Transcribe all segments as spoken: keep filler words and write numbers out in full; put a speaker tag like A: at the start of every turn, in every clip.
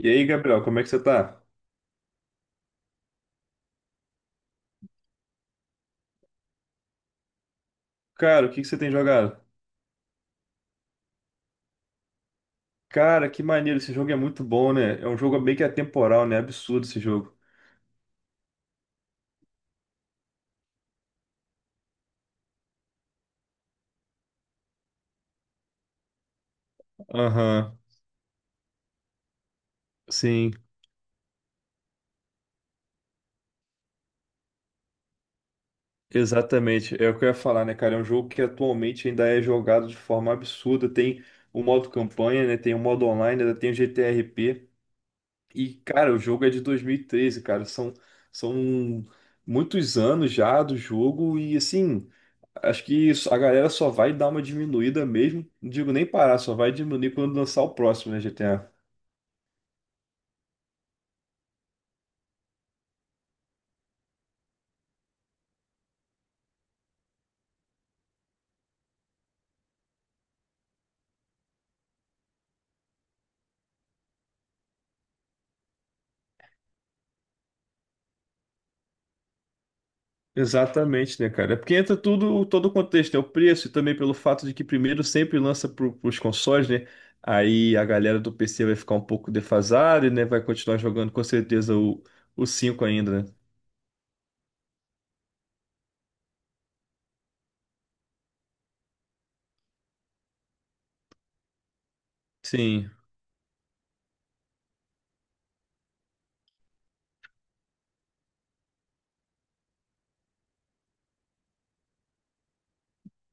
A: E aí, Gabriel, como é que você tá? Cara, o que que você tem jogado? Cara, que maneiro, esse jogo é muito bom, né? É um jogo meio que atemporal, né? Absurdo esse jogo. Aham, sim, exatamente. É o que eu ia falar, né, cara? É um jogo que atualmente ainda é jogado de forma absurda. Tem o modo campanha, né? Tem o modo online, ainda tem o G T R P. E, cara, o jogo é de dois mil e treze, cara. São, são muitos anos já do jogo e, assim, acho que isso- a galera só vai dar uma diminuída mesmo. Não digo nem parar, só vai diminuir quando lançar o próximo, né, G T A? Exatamente, né, cara? É porque entra tudo, todo o contexto, né? O preço e também pelo fato de que primeiro sempre lança para os consoles, né? Aí a galera do P C vai ficar um pouco defasada, né? Vai continuar jogando com certeza o, o cinco ainda, né? Sim.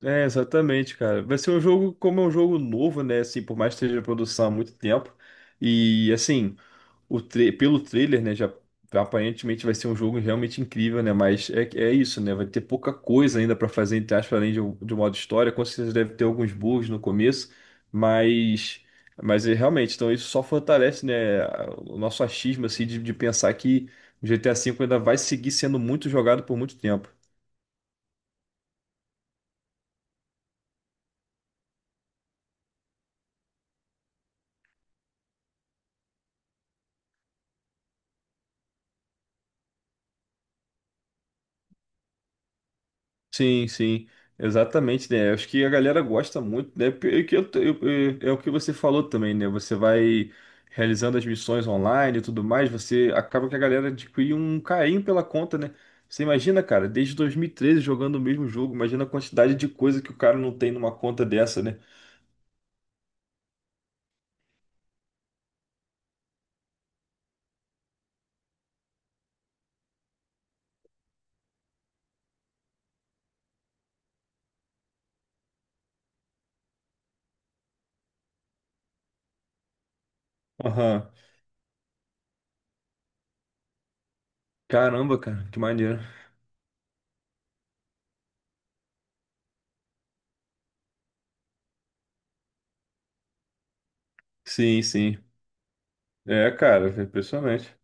A: É, exatamente, cara. Vai ser um jogo, como é um jogo novo, né? Assim, por mais que esteja em produção há muito tempo. E, assim, o tra- pelo trailer, né? Já aparentemente vai ser um jogo realmente incrível, né? Mas é, é isso, né? Vai ter pouca coisa ainda pra fazer, entre aspas, além de, um- de um modo história. Com certeza deve ter alguns bugs no começo, mas. Mas é, realmente, então isso só fortalece, né, a- o nosso achismo, assim, de, de pensar que o G T A V ainda vai seguir sendo muito jogado por muito tempo. Sim, sim, exatamente, né? Acho que a galera gosta muito, né? Porque é que eu- eu- eu- é o que você falou também, né? Você vai realizando as missões online e tudo mais, você acaba que a galera adquire um carinho pela conta, né? Você imagina, cara, desde dois mil e treze jogando o mesmo jogo, imagina a quantidade de coisa que o cara não tem numa conta dessa, né? Aham. Caramba, cara, que maneiro. Sim, sim. É, cara, é impressionante.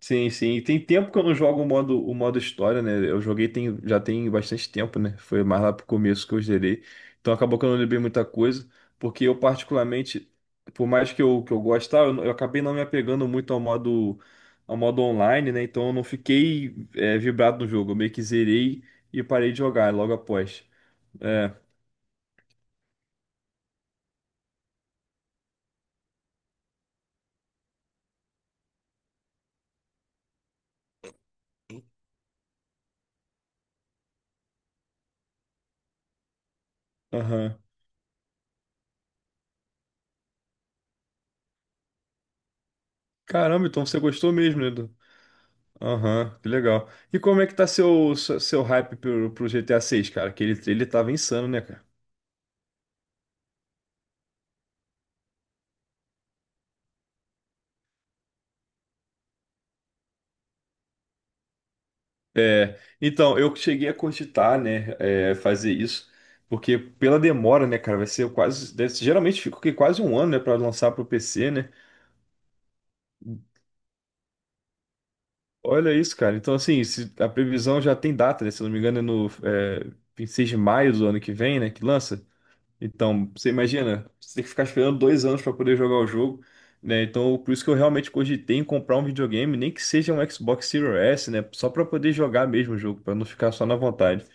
A: Sim, sim. E tem tempo que eu não jogo o modo, o modo história, né? Eu joguei tem, já tem bastante tempo, né? Foi mais lá pro começo que eu zerei. Então acabou que eu não lembrei muita coisa, porque eu particularmente, por mais que eu, que eu goste, tá, eu, não- eu acabei não me apegando muito ao modo, ao modo online, né? Então eu não fiquei é, vibrado no jogo. Eu meio que zerei e parei de jogar logo após. É, aham. Caramba, então você gostou mesmo, né? Aham, que legal. E como é que tá seu, seu seu hype pro, pro G T A seis, cara? Que ele, ele tava insano, né, cara? É, então, eu cheguei a cogitar, né, é, fazer isso, porque pela demora, né, cara, vai ser quase, deve- geralmente fica o quê? Quase um ano, né, pra lançar pro P C, né? Olha isso, cara. Então, assim, se- a previsão já tem data, né? Se eu não me engano, é no é, vinte e seis de maio do ano que vem, né, que lança. Então, você imagina, você tem que ficar esperando dois anos para poder jogar o jogo, né? Então, por isso que eu realmente cogitei em comprar um videogame, nem que seja um Xbox Series S, né? Só para poder jogar mesmo o jogo, para não ficar só na vontade.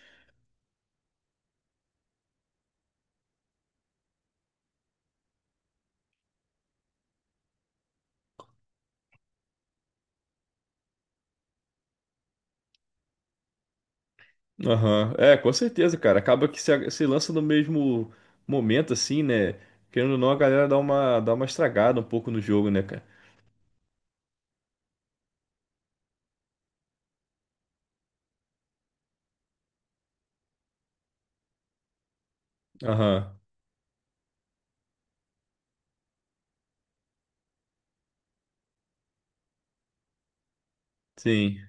A: Aham, é, com certeza, cara. Acaba que se, se lança no mesmo momento, assim, né? Querendo ou não, a galera dá uma, dá uma estragada um pouco no jogo, né, cara? Aham, sim.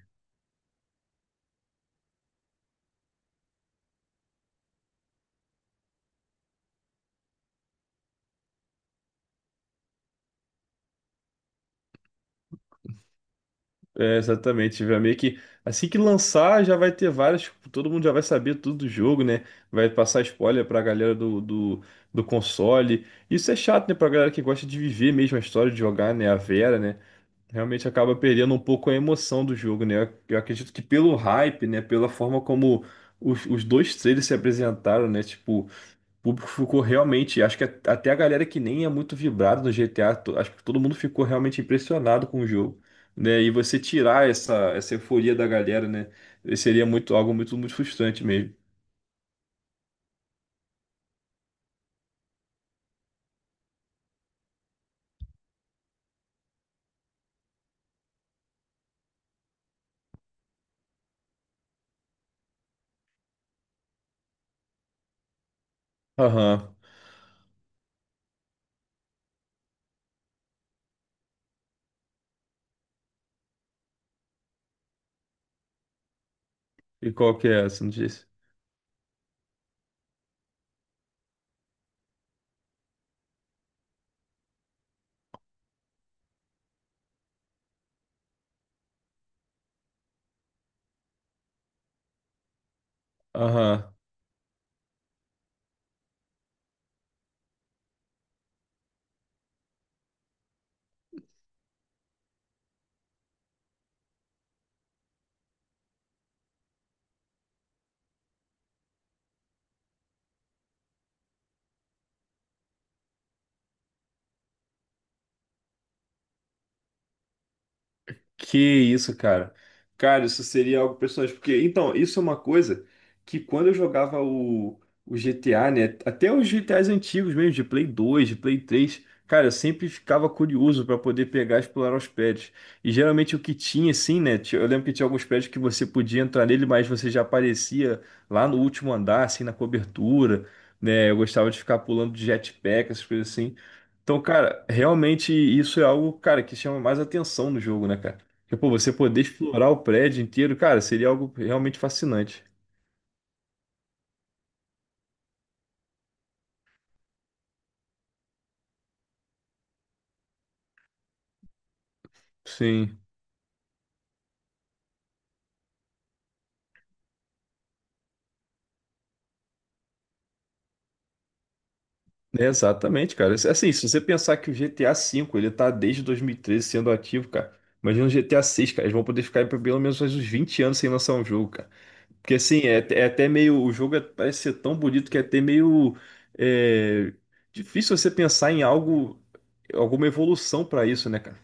A: É, exatamente, vai meio que assim que lançar já vai ter várias, tipo, todo mundo já vai saber tudo do jogo, né? Vai passar spoiler pra galera do, do, do console. Isso é chato, né, pra galera que gosta de viver mesmo a história de jogar, né, a Vera, né? Realmente acaba perdendo um pouco a emoção do jogo, né? Eu eu acredito que pelo hype, né, pela forma como os, os dois trailers se apresentaram, né, tipo o público ficou realmente, acho que a- até a galera que nem é muito vibrada no G T A, to- acho que todo mundo ficou realmente impressionado com o jogo, né? E você tirar essa, essa euforia da galera, né? Seria muito, algo muito, muito frustrante mesmo. Aham. E qual que é essa, não disse? Aham. Que isso, cara. Cara, isso seria algo personagem. Porque, então, isso é uma coisa que quando eu jogava o, o G T A, né? Até os G T As antigos mesmo, de Play dois, de Play três, cara, eu sempre ficava curioso para poder pegar e explorar os prédios. E geralmente o que tinha, assim, né? ti- Eu lembro que tinha alguns prédios que você podia entrar nele, mas você já aparecia lá no último andar, assim, na cobertura, né? Eu gostava de ficar pulando de jetpack, essas coisas assim. Então, cara, realmente isso é algo, cara, que chama mais atenção no jogo, né, cara? Porque, pô, você poder explorar o prédio inteiro, cara, seria algo realmente fascinante. Sim, é exatamente, cara. Assim, se você pensar que o G T A V, ele tá desde dois mil e treze sendo ativo, cara. Imagina o G T A seis, cara. Eles vão poder ficar aí por pelo menos mais uns vinte anos sem lançar um jogo, cara. Porque, assim, é, é até meio... O jogo é- parece ser tão bonito que é até meio... é, difícil você pensar em algo... Alguma evolução pra isso, né, cara?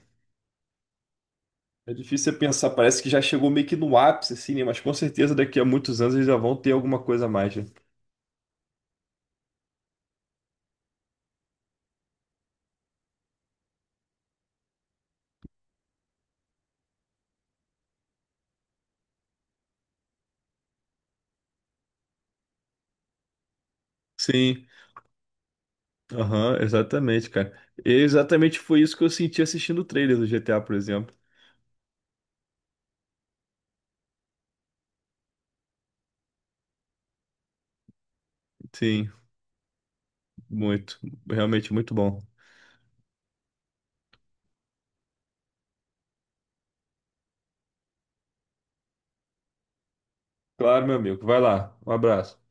A: É difícil você pensar. Parece que já chegou meio que no ápice, assim, né? Mas com certeza daqui a muitos anos eles já vão ter alguma coisa a mais, né? Sim, aham, exatamente, cara. E exatamente foi isso que eu senti assistindo o trailer do G T A, por exemplo. Sim, muito. Realmente muito bom. Claro, meu amigo. Vai lá. Um abraço.